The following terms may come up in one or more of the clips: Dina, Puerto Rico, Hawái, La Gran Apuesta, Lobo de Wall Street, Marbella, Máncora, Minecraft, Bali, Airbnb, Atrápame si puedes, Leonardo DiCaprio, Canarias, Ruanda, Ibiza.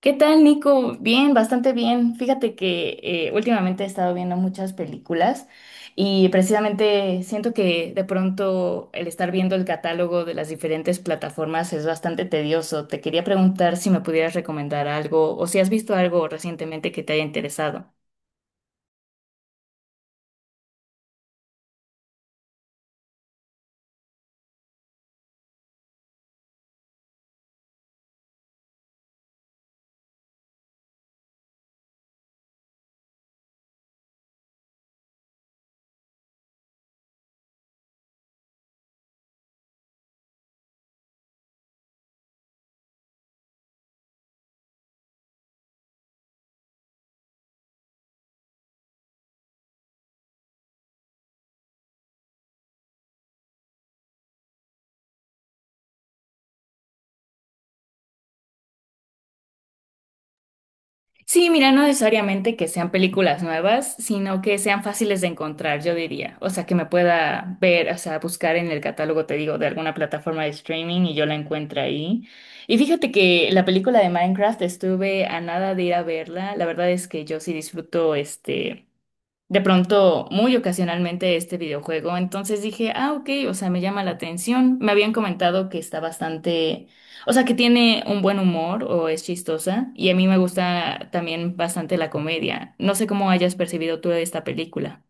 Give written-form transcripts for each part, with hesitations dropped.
¿Qué tal, Nico? Bien, bastante bien. Fíjate que últimamente he estado viendo muchas películas y precisamente siento que de pronto el estar viendo el catálogo de las diferentes plataformas es bastante tedioso. Te quería preguntar si me pudieras recomendar algo o si has visto algo recientemente que te haya interesado. Sí, mira, no necesariamente que sean películas nuevas, sino que sean fáciles de encontrar, yo diría. O sea, que me pueda ver, o sea, buscar en el catálogo, te digo, de alguna plataforma de streaming y yo la encuentro ahí. Y fíjate que la película de Minecraft estuve a nada de ir a verla. La verdad es que yo sí disfruto este de pronto muy ocasionalmente este videojuego. Entonces dije, ah, ok, o sea, me llama la atención. Me habían comentado que está bastante, o sea, que tiene un buen humor o es chistosa. Y a mí me gusta también bastante la comedia. No sé cómo hayas percibido tú esta película.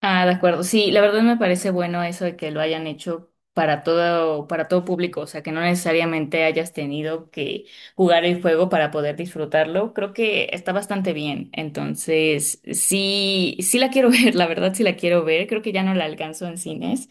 Ah, de acuerdo. Sí, la verdad me parece bueno eso de que lo hayan hecho para todo público, o sea, que no necesariamente hayas tenido que jugar el juego para poder disfrutarlo. Creo que está bastante bien. Entonces, sí, sí la quiero ver, la verdad sí la quiero ver. Creo que ya no la alcanzo en cines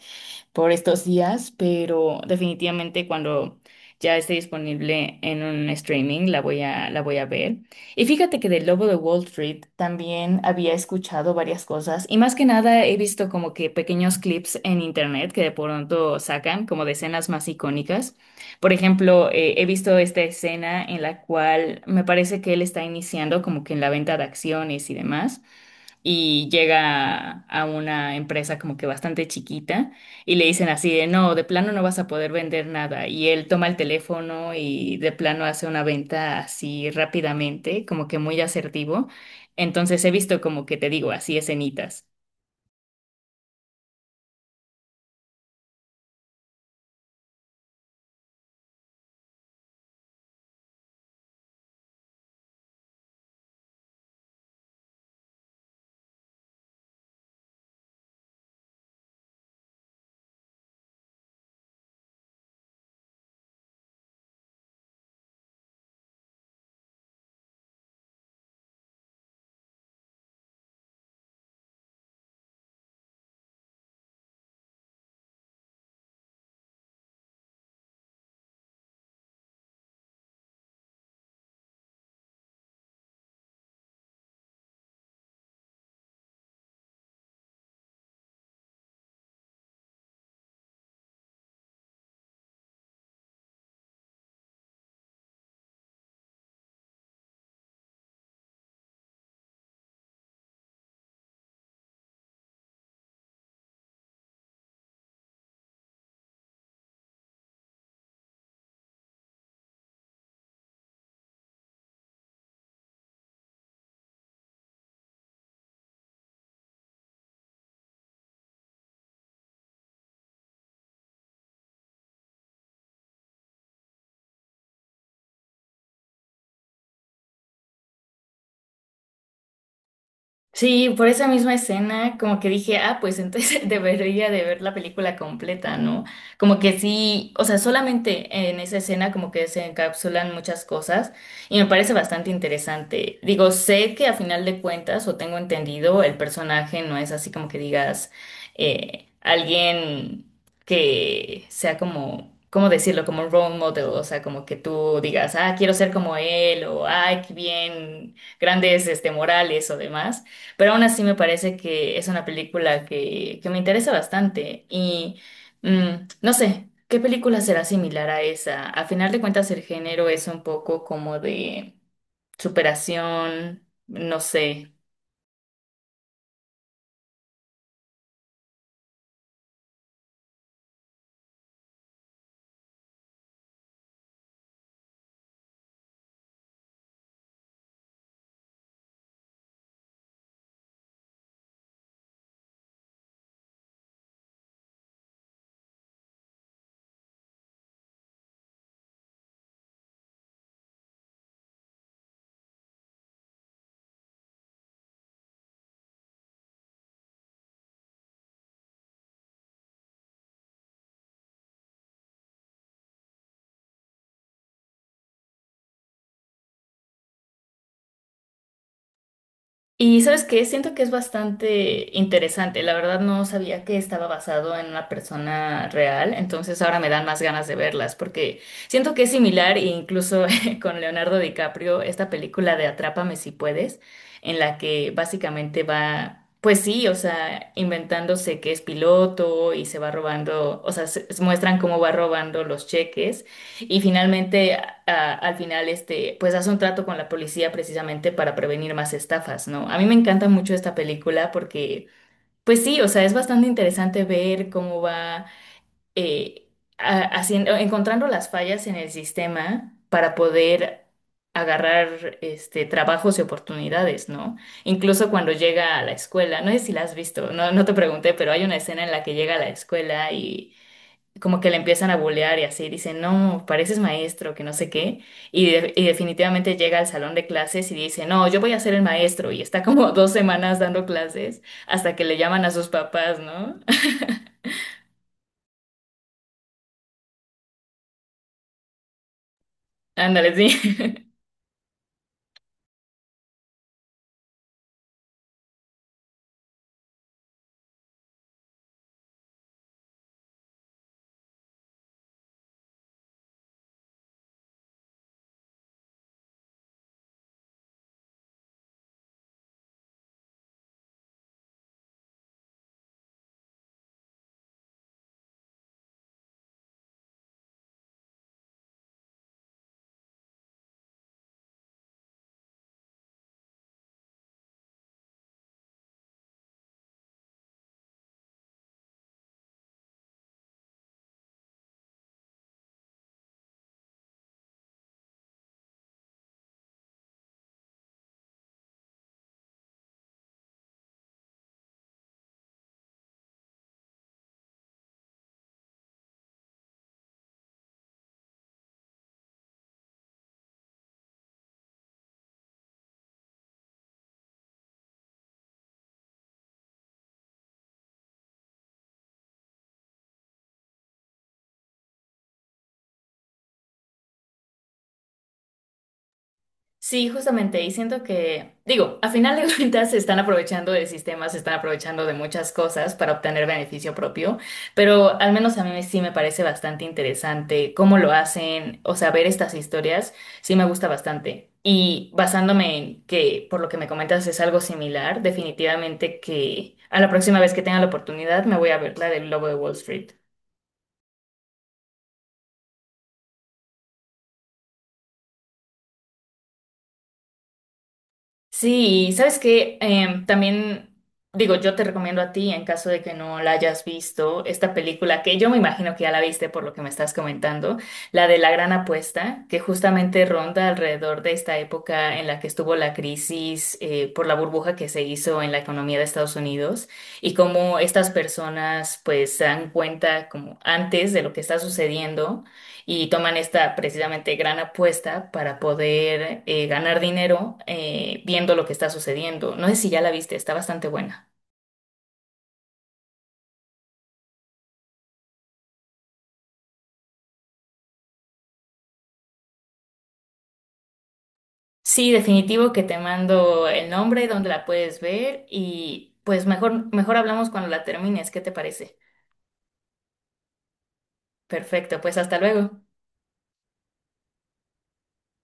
por estos días, pero definitivamente cuando ya esté disponible en un streaming la voy a ver. Y fíjate que del Lobo de Wall Street también había escuchado varias cosas y más que nada he visto como que pequeños clips en internet que de pronto sacan como de escenas más icónicas. Por ejemplo, he visto esta escena en la cual me parece que él está iniciando como que en la venta de acciones y demás y llega a una empresa como que bastante chiquita y le dicen así de, no, de plano no vas a poder vender nada. Y él toma el teléfono y de plano hace una venta así rápidamente, como que muy asertivo. Entonces he visto como que te digo, así escenitas. Sí, por esa misma escena, como que dije, ah, pues entonces debería de ver la película completa, ¿no? Como que sí, o sea, solamente en esa escena como que se encapsulan muchas cosas y me parece bastante interesante. Digo, sé que a final de cuentas, o tengo entendido, el personaje no es así como que digas alguien que sea como, ¿cómo decirlo? Como un role model, o sea, como que tú digas, ah, quiero ser como él, o ay, qué bien, grandes este, morales o demás pero aún así me parece que es una película que me interesa bastante. Y no sé, ¿qué película será similar a esa? A final de cuentas, el género es un poco como de superación, no sé. Y sabes qué, siento que es bastante interesante. La verdad no sabía que estaba basado en una persona real, entonces ahora me dan más ganas de verlas porque siento que es similar e incluso con Leonardo DiCaprio, esta película de Atrápame si puedes, en la que básicamente va, pues sí, o sea, inventándose que es piloto y se va robando, o sea, muestran cómo va robando los cheques y finalmente, al final, este, pues hace un trato con la policía precisamente para prevenir más estafas, ¿no? A mí me encanta mucho esta película porque, pues sí, o sea, es bastante interesante ver cómo va eh, haciendo, encontrando las fallas en el sistema para poder agarrar este, trabajos y oportunidades, ¿no? Incluso cuando llega a la escuela, no sé si la has visto, no, no te pregunté, pero hay una escena en la que llega a la escuela y como que le empiezan a bulear y así, dicen, no, pareces maestro, que no sé qué, y definitivamente llega al salón de clases y dice, no, yo voy a ser el maestro, y está como dos semanas dando clases hasta que le llaman a sus papás, ¿no? Ándale, sí. Sí, justamente, y siento que, digo, a final de cuentas se están aprovechando de sistemas, se están aprovechando de muchas cosas para obtener beneficio propio, pero al menos a mí sí me parece bastante interesante cómo lo hacen, o sea, ver estas historias sí me gusta bastante. Y basándome en que por lo que me comentas es algo similar, definitivamente que a la próxima vez que tenga la oportunidad me voy a ver la del Lobo de Wall Street. Sí, y sabes que también digo, yo te recomiendo a ti, en caso de que no la hayas visto, esta película que yo me imagino que ya la viste por lo que me estás comentando, la de La Gran Apuesta, que justamente ronda alrededor de esta época en la que estuvo la crisis por la burbuja que se hizo en la economía de Estados Unidos y cómo estas personas pues se dan cuenta como antes de lo que está sucediendo y toman esta precisamente gran apuesta para poder ganar dinero viendo lo que está sucediendo. No sé si ya la viste, está bastante buena. Sí, definitivo que te mando el nombre, dónde la puedes ver y pues mejor hablamos cuando la termines, ¿qué te parece? Perfecto, pues hasta luego.